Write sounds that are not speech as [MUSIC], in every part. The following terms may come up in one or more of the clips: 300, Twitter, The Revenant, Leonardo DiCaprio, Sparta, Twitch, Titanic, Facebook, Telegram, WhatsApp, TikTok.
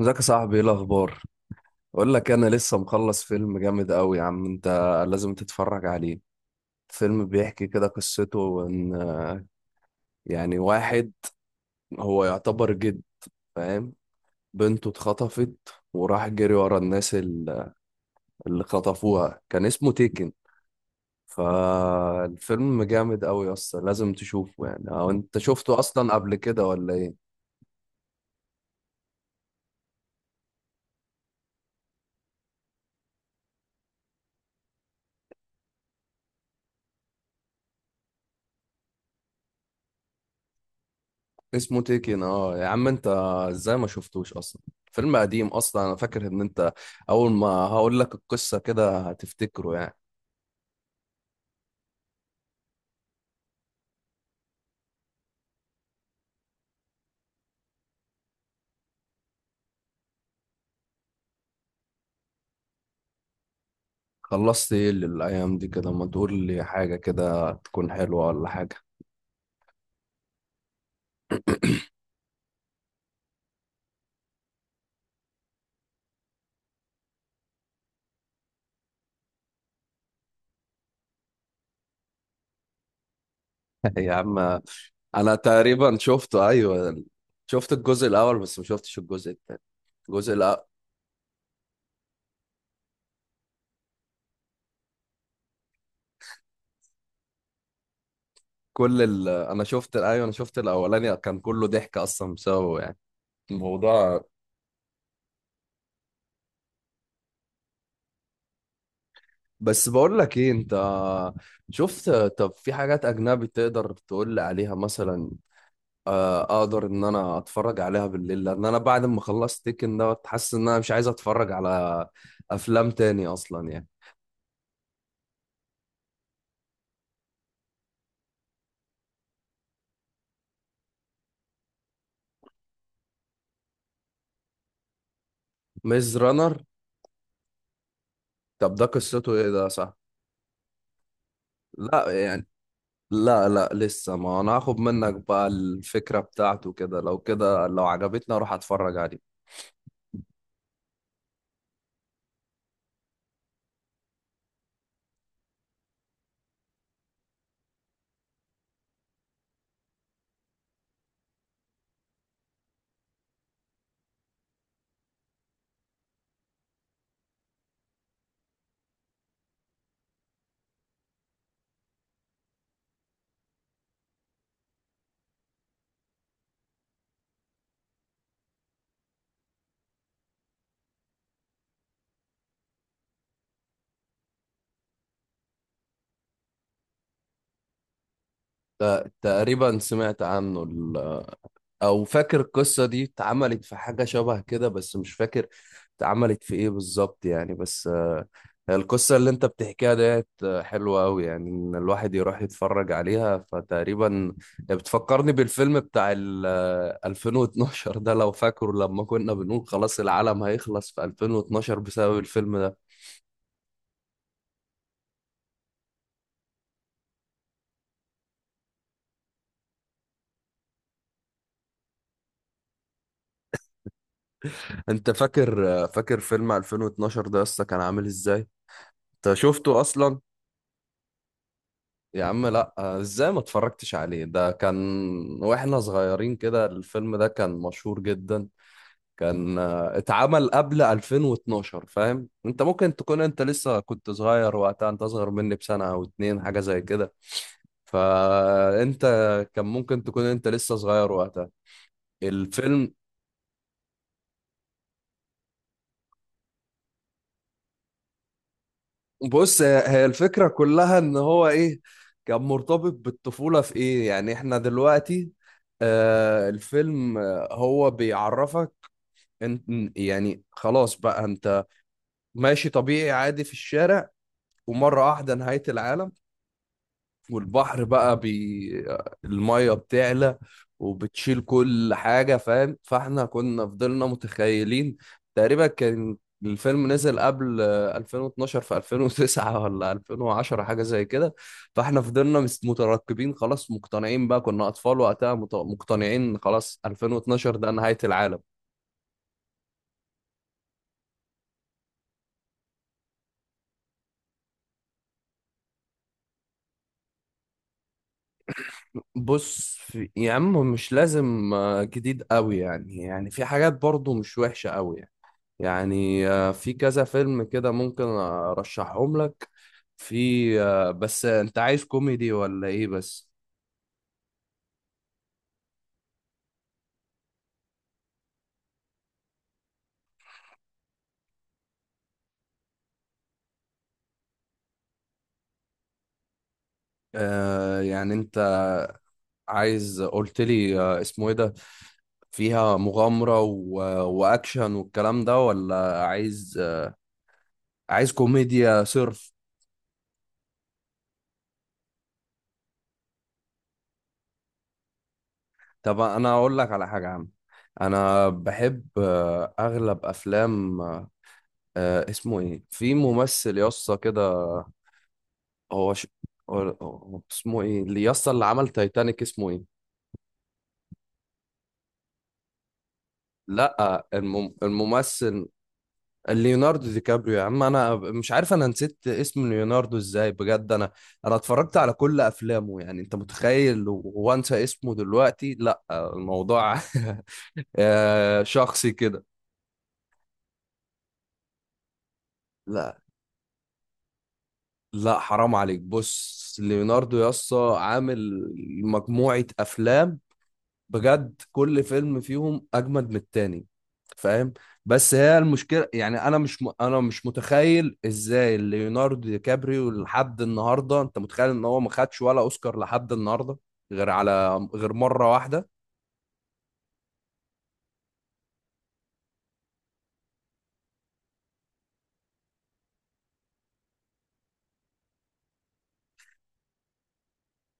ازيك يا صاحبي، ايه الاخبار؟ اقول لك، انا لسه مخلص فيلم جامد قوي يا عم انت. لازم تتفرج عليه. فيلم بيحكي كده، قصته ان يعني واحد هو يعتبر جد، فاهم؟ بنته اتخطفت وراح جري ورا الناس اللي خطفوها. كان اسمه تيكن. فالفيلم جامد قوي اصلا، لازم تشوفه يعني. او انت شفته اصلا قبل كده ولا ايه؟ اسمه تيكن اه يا عم انت. ازاي ما شفتوش اصلا؟ فيلم قديم اصلا، انا فاكر ان انت اول ما هقول لك القصه كده هتفتكره يعني. خلصت ايه للايام دي كده؟ ما تقول لي حاجه كده تكون حلوه ولا حاجه. [LAUGHS] يا عم، انا تقريبا شفته، ايوه. شفت الجزء الاول بس ما شفتش الجزء الثاني. الجزء الأ... انا شفت، ايوه، انا شفت الاولاني كان كله ضحك اصلا بسببه يعني، الموضوع. بس بقول لك ايه انت، شفت؟ طب في حاجات اجنبي تقدر تقول لي عليها مثلا؟ اقدر ان انا اتفرج عليها بالليل، لان انا بعد ما خلصت تيكن ده حاسس ان انا مش عايز اتفرج على افلام تاني اصلا يعني. ميز رانر؟ طب ده قصته ايه؟ ده صح؟ لا يعني. لا لا لسه، ما انا هاخد منك بقى الفكرة بتاعته كده، لو كده لو عجبتني اروح اتفرج عليه. تقريبا سمعت عنه او فاكر القصه دي اتعملت في حاجه شبه كده، بس مش فاكر اتعملت في ايه بالظبط يعني. بس القصه اللي انت بتحكيها ديت حلوه قوي يعني، ان الواحد يروح يتفرج عليها. فتقريبا بتفكرني بالفيلم بتاع ال 2012 ده، لو فاكره لما كنا بنقول خلاص العالم هيخلص في 2012 بسبب الفيلم ده. انت فاكر فيلم 2012 ده اصلا كان عامل ازاي؟ انت شفته اصلا؟ يا عم لا، ازاي ما اتفرجتش عليه؟ ده كان واحنا صغيرين كده، الفيلم ده كان مشهور جدا. كان اتعمل قبل 2012، فاهم؟ انت ممكن تكون انت لسه كنت صغير وقتها، انت اصغر مني بسنة او اتنين حاجة زي كده. فانت كان ممكن تكون انت لسه صغير وقتها، الفيلم. بص، هي هي الفكرة كلها ان هو ايه، كان مرتبط بالطفولة في ايه يعني. احنا دلوقتي الفيلم هو بيعرفك انت، يعني خلاص بقى انت ماشي طبيعي عادي في الشارع، ومرة واحدة نهاية العالم، والبحر بقى المية بتعلى وبتشيل كل حاجة، فاهم؟ فاحنا كنا فضلنا متخيلين. تقريبا كان الفيلم نزل قبل 2012، في 2009 ولا 2010 حاجة زي كده. فاحنا فضلنا مترقبين خلاص، مقتنعين بقى، كنا أطفال وقتها، مقتنعين خلاص 2012 ده نهاية العالم. بص في... يا عم مش لازم جديد قوي يعني، يعني في حاجات برضو مش وحشة قوي يعني يعني. في كذا فيلم كده ممكن ارشحهم لك. في بس انت عايز كوميدي ولا ايه بس؟ يعني انت عايز، قلت لي اسمه ايه ده فيها مغامرة و... واكشن والكلام ده، ولا عايز عايز كوميديا صرف؟ طب انا اقول لك على حاجه يا عم. انا بحب اغلب افلام، اسمه ايه؟ في ممثل يسطا كده، هو، هو هو اسمه ايه اللي يسطا اللي عمل تايتانيك؟ اسمه ايه؟ لا الممثل. ليوناردو دي كابريو. يا عم انا مش عارف انا نسيت اسم ليوناردو ازاي بجد. انا انا اتفرجت على كل افلامه، يعني انت متخيل وانسى اسمه دلوقتي؟ لا الموضوع [LAUGHS] شخصي كده. لا لا حرام عليك، بص ليوناردو يسطا عامل مجموعة أفلام، بجد كل فيلم فيهم أجمد من التاني، فاهم؟ بس هي المشكلة يعني، أنا مش م... أنا مش متخيل إزاي ليوناردو دي كابريو لحد النهاردة. أنت متخيل إن هو ما خدش ولا أوسكار لحد النهاردة، غير مرة واحدة؟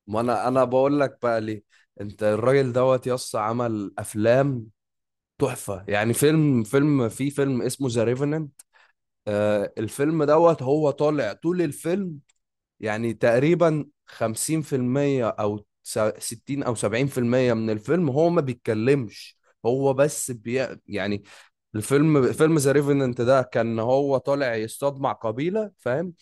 ما أنا بقول لك بقى ليه، أنت الراجل دوت يسطا عمل أفلام تحفة، يعني فيلم فيلم في فيلم اسمه ذا ريفننت. الفيلم دوت هو طالع طول الفيلم، يعني تقريبا 50% او 60 او 70% من الفيلم هو ما بيتكلمش. هو بس يعني فيلم ذا ريفننت ده كان هو طالع يصطاد مع قبيلة، فاهم؟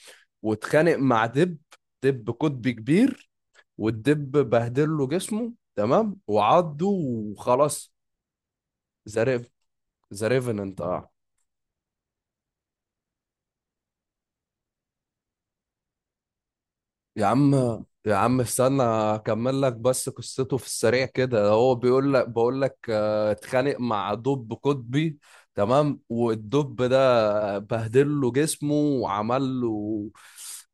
واتخانق مع دب، دب قطبي كبير، والدب بهدل له جسمه تمام وعضه وخلاص. ذا ريف ذا ريفننت اه. يا عم، يا عم استنى اكمل لك بس قصته في السريع كده. هو بيقول لك بقول لك اتخانق مع دب قطبي تمام، والدب ده بهدل له جسمه وعمل له.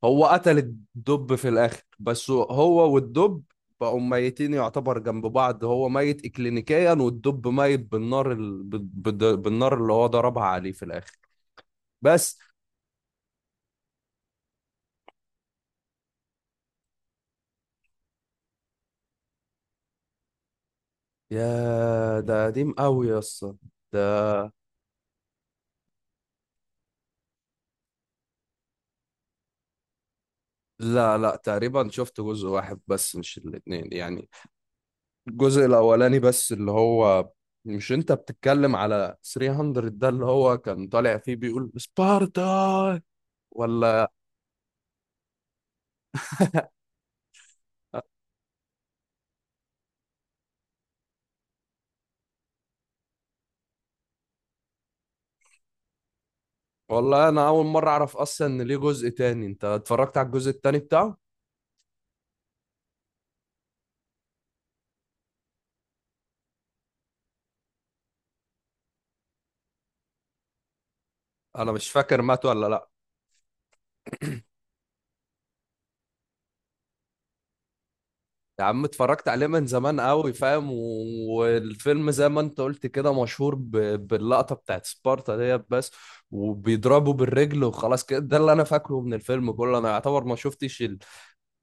هو قتل الدب في الاخر، بس هو والدب بقوا ميتين يعتبر جنب بعض. هو ميت اكلينيكيا والدب ميت بالنار بالنار اللي هو ضربها عليه في الاخر بس. يا ده قديم قوي يا اسطى، ده. لا لا تقريبا شفت جزء واحد بس مش الاتنين يعني، الجزء الأولاني بس اللي هو، مش انت بتتكلم على 300 ده اللي هو كان طالع فيه بيقول سبارتا ولا؟ والله انا اول مرة اعرف اصلا ان ليه جزء تاني. انت اتفرجت على الجزء التاني بتاعه؟ انا مش فاكر مات ولا لا. يا عم اتفرجت عليه من زمان قوي، فاهم؟ والفيلم زي ما انت قلت كده مشهور باللقطة بتاعت سبارتا ديت بس، وبيضربوا بالرجل وخلاص كده، ده اللي انا فاكره من الفيلم كله. انا يعتبر ما شفتش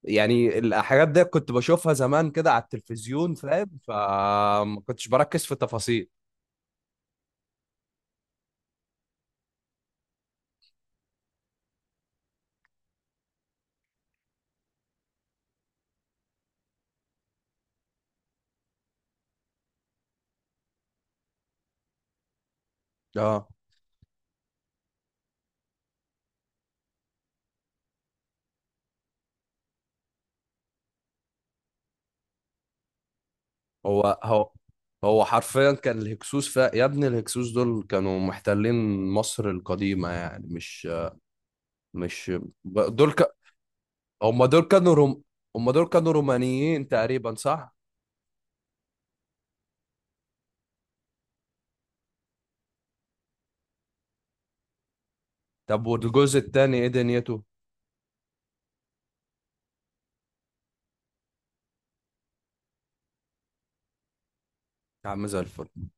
يعني الحاجات دي كنت بشوفها زمان كده على التلفزيون، فاهم؟ فما كنتش بركز في التفاصيل. اه. هو هو هو حرفيا كان الهكسوس يا ابني الهكسوس دول كانوا محتلين مصر القديمة، يعني مش دول. هم دول كانوا روم، هم دول كانوا رومانيين تقريبا صح؟ طب والجزء التاني ايه دنيته؟ يا عم زي الفل.